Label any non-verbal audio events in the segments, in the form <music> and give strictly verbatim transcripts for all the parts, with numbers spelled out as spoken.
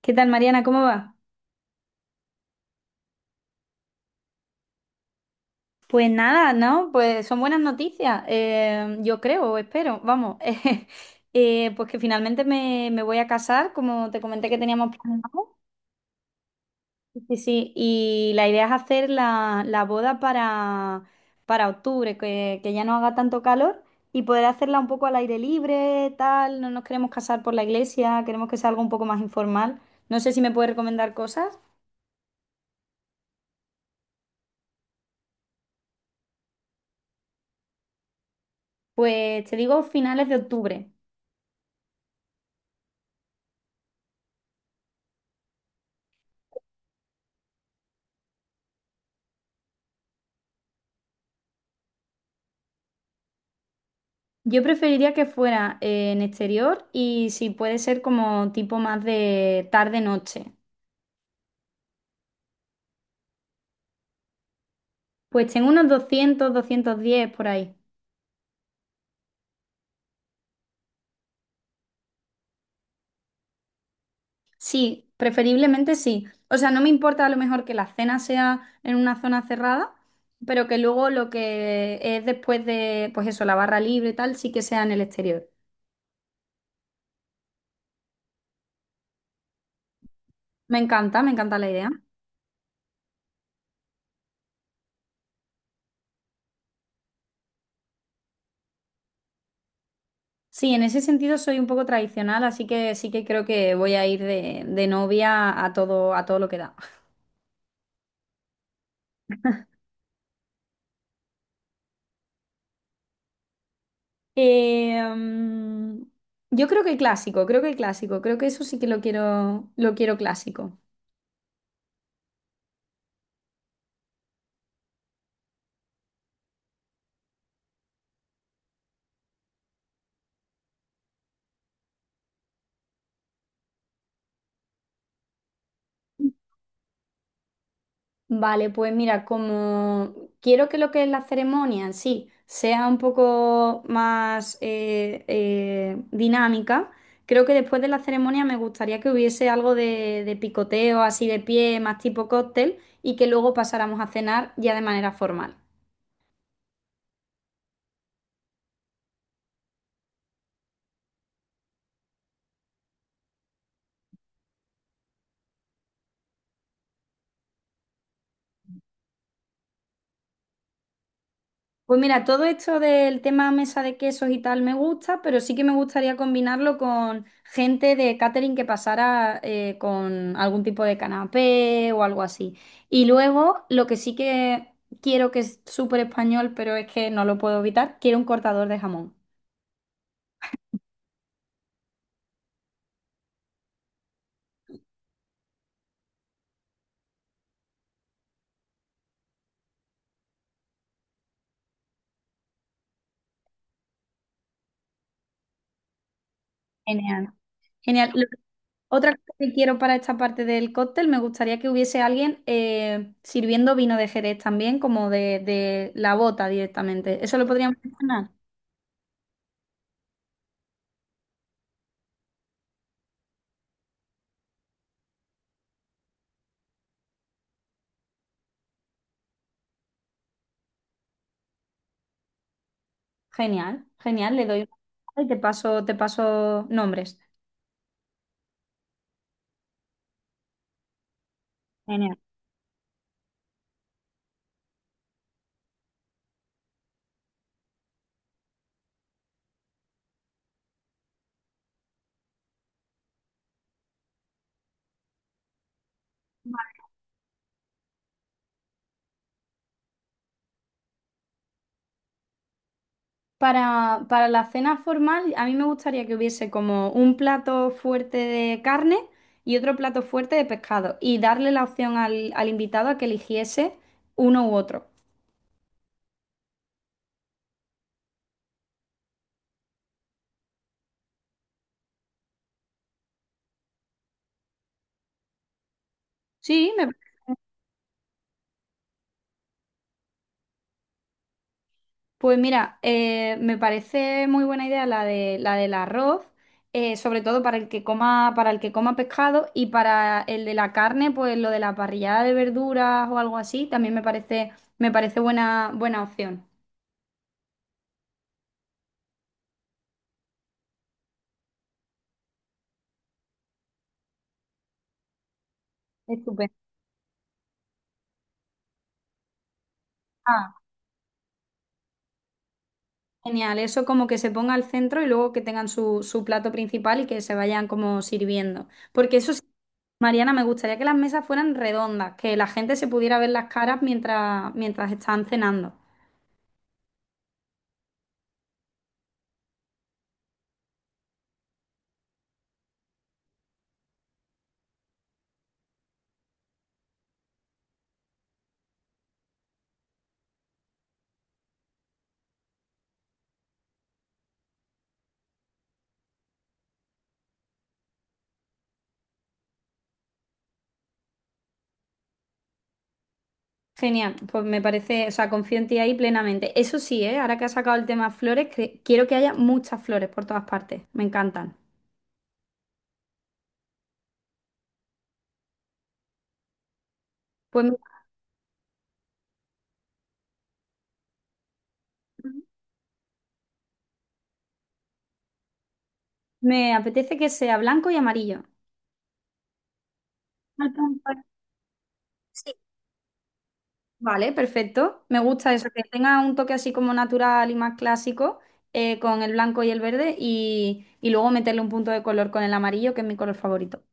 ¿Qué tal, Mariana? ¿Cómo va? Pues nada, ¿no? Pues son buenas noticias, eh, yo creo, o espero, vamos. <laughs> Eh, pues que finalmente me, me voy a casar, como te comenté que teníamos planeado. Sí, sí, sí, y la idea es hacer la, la boda para, para octubre, que, que ya no haga tanto calor y poder hacerla un poco al aire libre, tal. No nos queremos casar por la iglesia, queremos que sea algo un poco más informal. No sé si me puedes recomendar cosas. Pues te digo finales de octubre. Yo preferiría que fuera eh, en exterior y si puede ser como tipo más de tarde-noche. Pues tengo unos doscientos, doscientos diez por ahí. Sí, preferiblemente sí. O sea, no me importa a lo mejor que la cena sea en una zona cerrada, pero que luego lo que es después de, pues eso, la barra libre y tal, sí que sea en el exterior. Me encanta, me encanta la idea. Sí, en ese sentido soy un poco tradicional, así que sí que creo que voy a ir de, de novia a todo, a todo lo que da. Em, yo creo que clásico, creo que clásico, creo que eso sí que lo quiero, lo quiero clásico. Vale, pues mira, como quiero que lo que es la ceremonia en sí sea un poco más eh, eh, dinámica, creo que después de la ceremonia me gustaría que hubiese algo de, de picoteo así de pie, más tipo cóctel, y que luego pasáramos a cenar ya de manera formal. Pues mira, todo esto del tema mesa de quesos y tal me gusta, pero sí que me gustaría combinarlo con gente de catering que pasara eh, con algún tipo de canapé o algo así. Y luego, lo que sí que quiero que es súper español, pero es que no lo puedo evitar, quiero un cortador de jamón. Genial. Genial. Lo- Otra cosa que quiero para esta parte del cóctel, me gustaría que hubiese alguien eh, sirviendo vino de Jerez también, como de, de la bota directamente. ¿Eso lo podríamos hacer? Genial, genial, le doy una y te paso, te paso nombres. Genial. Para, para la cena formal, a mí me gustaría que hubiese como un plato fuerte de carne y otro plato fuerte de pescado y darle la opción al, al invitado a que eligiese uno u otro. Sí, me Pues mira, eh, me parece muy buena idea la de la del arroz, eh, sobre todo para el que coma, para el que coma pescado y para el de la carne, pues lo de la parrillada de verduras o algo así, también me parece, me parece buena, buena opción. Estupendo. Ah, genial. Eso como que se ponga al centro y luego que tengan su, su plato principal y que se vayan como sirviendo. Porque eso sí, Mariana, me gustaría que las mesas fueran redondas, que la gente se pudiera ver las caras mientras, mientras están cenando. Genial, pues me parece, o sea, confío en ti ahí plenamente. Eso sí, ¿eh? Ahora que has sacado el tema flores, cre- quiero que haya muchas flores por todas partes. Me encantan. Pues mira, me apetece que sea blanco y amarillo. Al punto. Sí. Vale, perfecto. Me gusta eso, que tenga un toque así como natural y más clásico eh, con el blanco y el verde y, y luego meterle un punto de color con el amarillo, que es mi color favorito.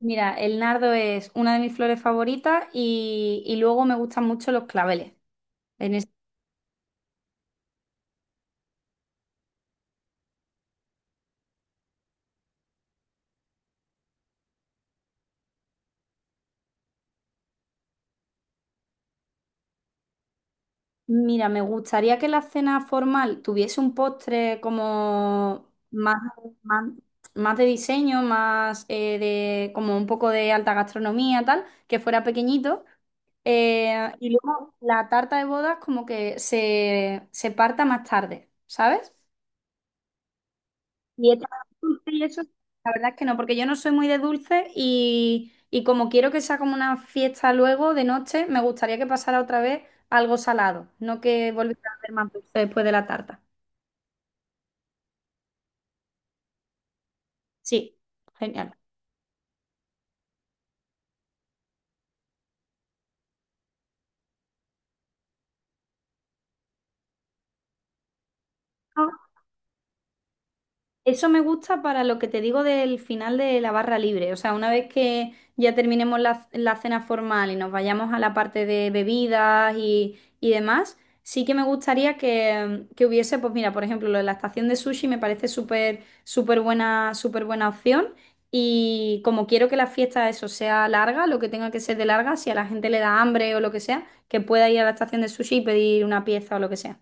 Mira, el nardo es una de mis flores favoritas y, y luego me gustan mucho los claveles. Mira, me gustaría que la cena formal tuviese un postre como más, más, más de diseño, más eh, de como un poco de alta gastronomía, tal, que fuera pequeñito. Eh, y luego la tarta de bodas como que se, se parta más tarde, ¿sabes? Dietas dulces y eso, la verdad es que no, porque yo no soy muy de dulce y, y como quiero que sea como una fiesta luego de noche, me gustaría que pasara otra vez algo salado, no que volviera a ver más dulce después de la tarta. Sí, genial. Eso me gusta para lo que te digo del final de la barra libre. O sea, una vez que ya terminemos la, la cena formal y nos vayamos a la parte de bebidas y, y demás, sí que me gustaría que, que hubiese, pues mira, por ejemplo, lo de la estación de sushi me parece súper, súper buena, súper buena opción. Y como quiero que la fiesta eso sea larga, lo que tenga que ser de larga, si a la gente le da hambre o lo que sea, que pueda ir a la estación de sushi y pedir una pieza o lo que sea.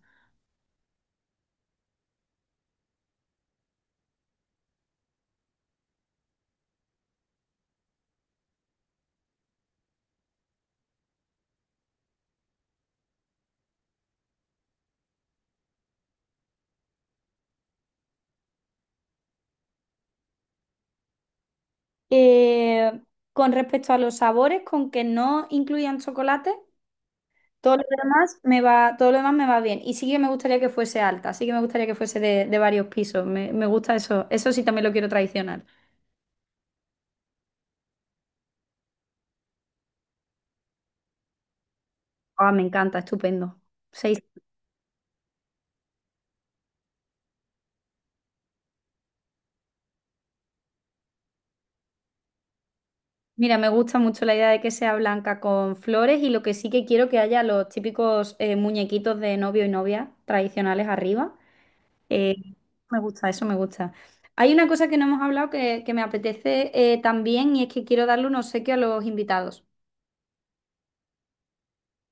Eh, con respecto a los sabores, con que no incluyan chocolate, todo lo demás me va, todo lo demás me va bien. Y sí que me gustaría que fuese alta, sí que me gustaría que fuese de, de varios pisos. Me, me gusta eso. Eso sí también lo quiero tradicional. Ah, me encanta, estupendo. Seis. Mira, me gusta mucho la idea de que sea blanca con flores y lo que sí que quiero que haya los típicos eh, muñequitos de novio y novia tradicionales arriba. Eh, me gusta, eso me gusta. Hay una cosa que no hemos hablado que, que me apetece eh, también y es que quiero darle un obsequio a los invitados.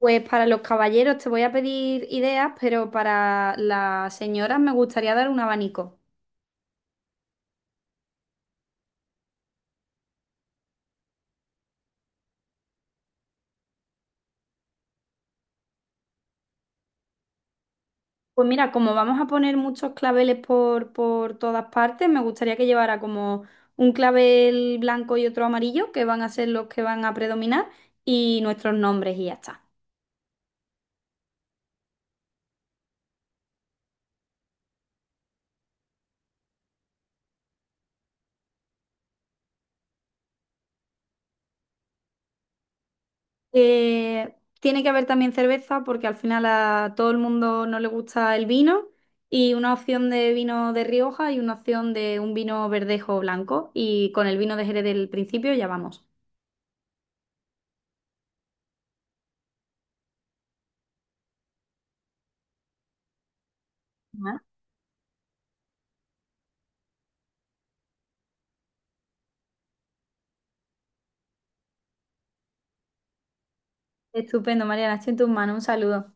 Pues para los caballeros te voy a pedir ideas, pero para las señoras me gustaría dar un abanico. Pues mira, como vamos a poner muchos claveles por, por todas partes, me gustaría que llevara como un clavel blanco y otro amarillo, que van a ser los que van a predominar, y nuestros nombres y ya está. Eh, tiene que haber también cerveza porque al final a todo el mundo no le gusta el vino y una opción de vino de Rioja y una opción de un vino verdejo o blanco y con el vino de Jerez del principio ya vamos. Ah. Estupendo, Mariana, estoy en tus manos, un saludo.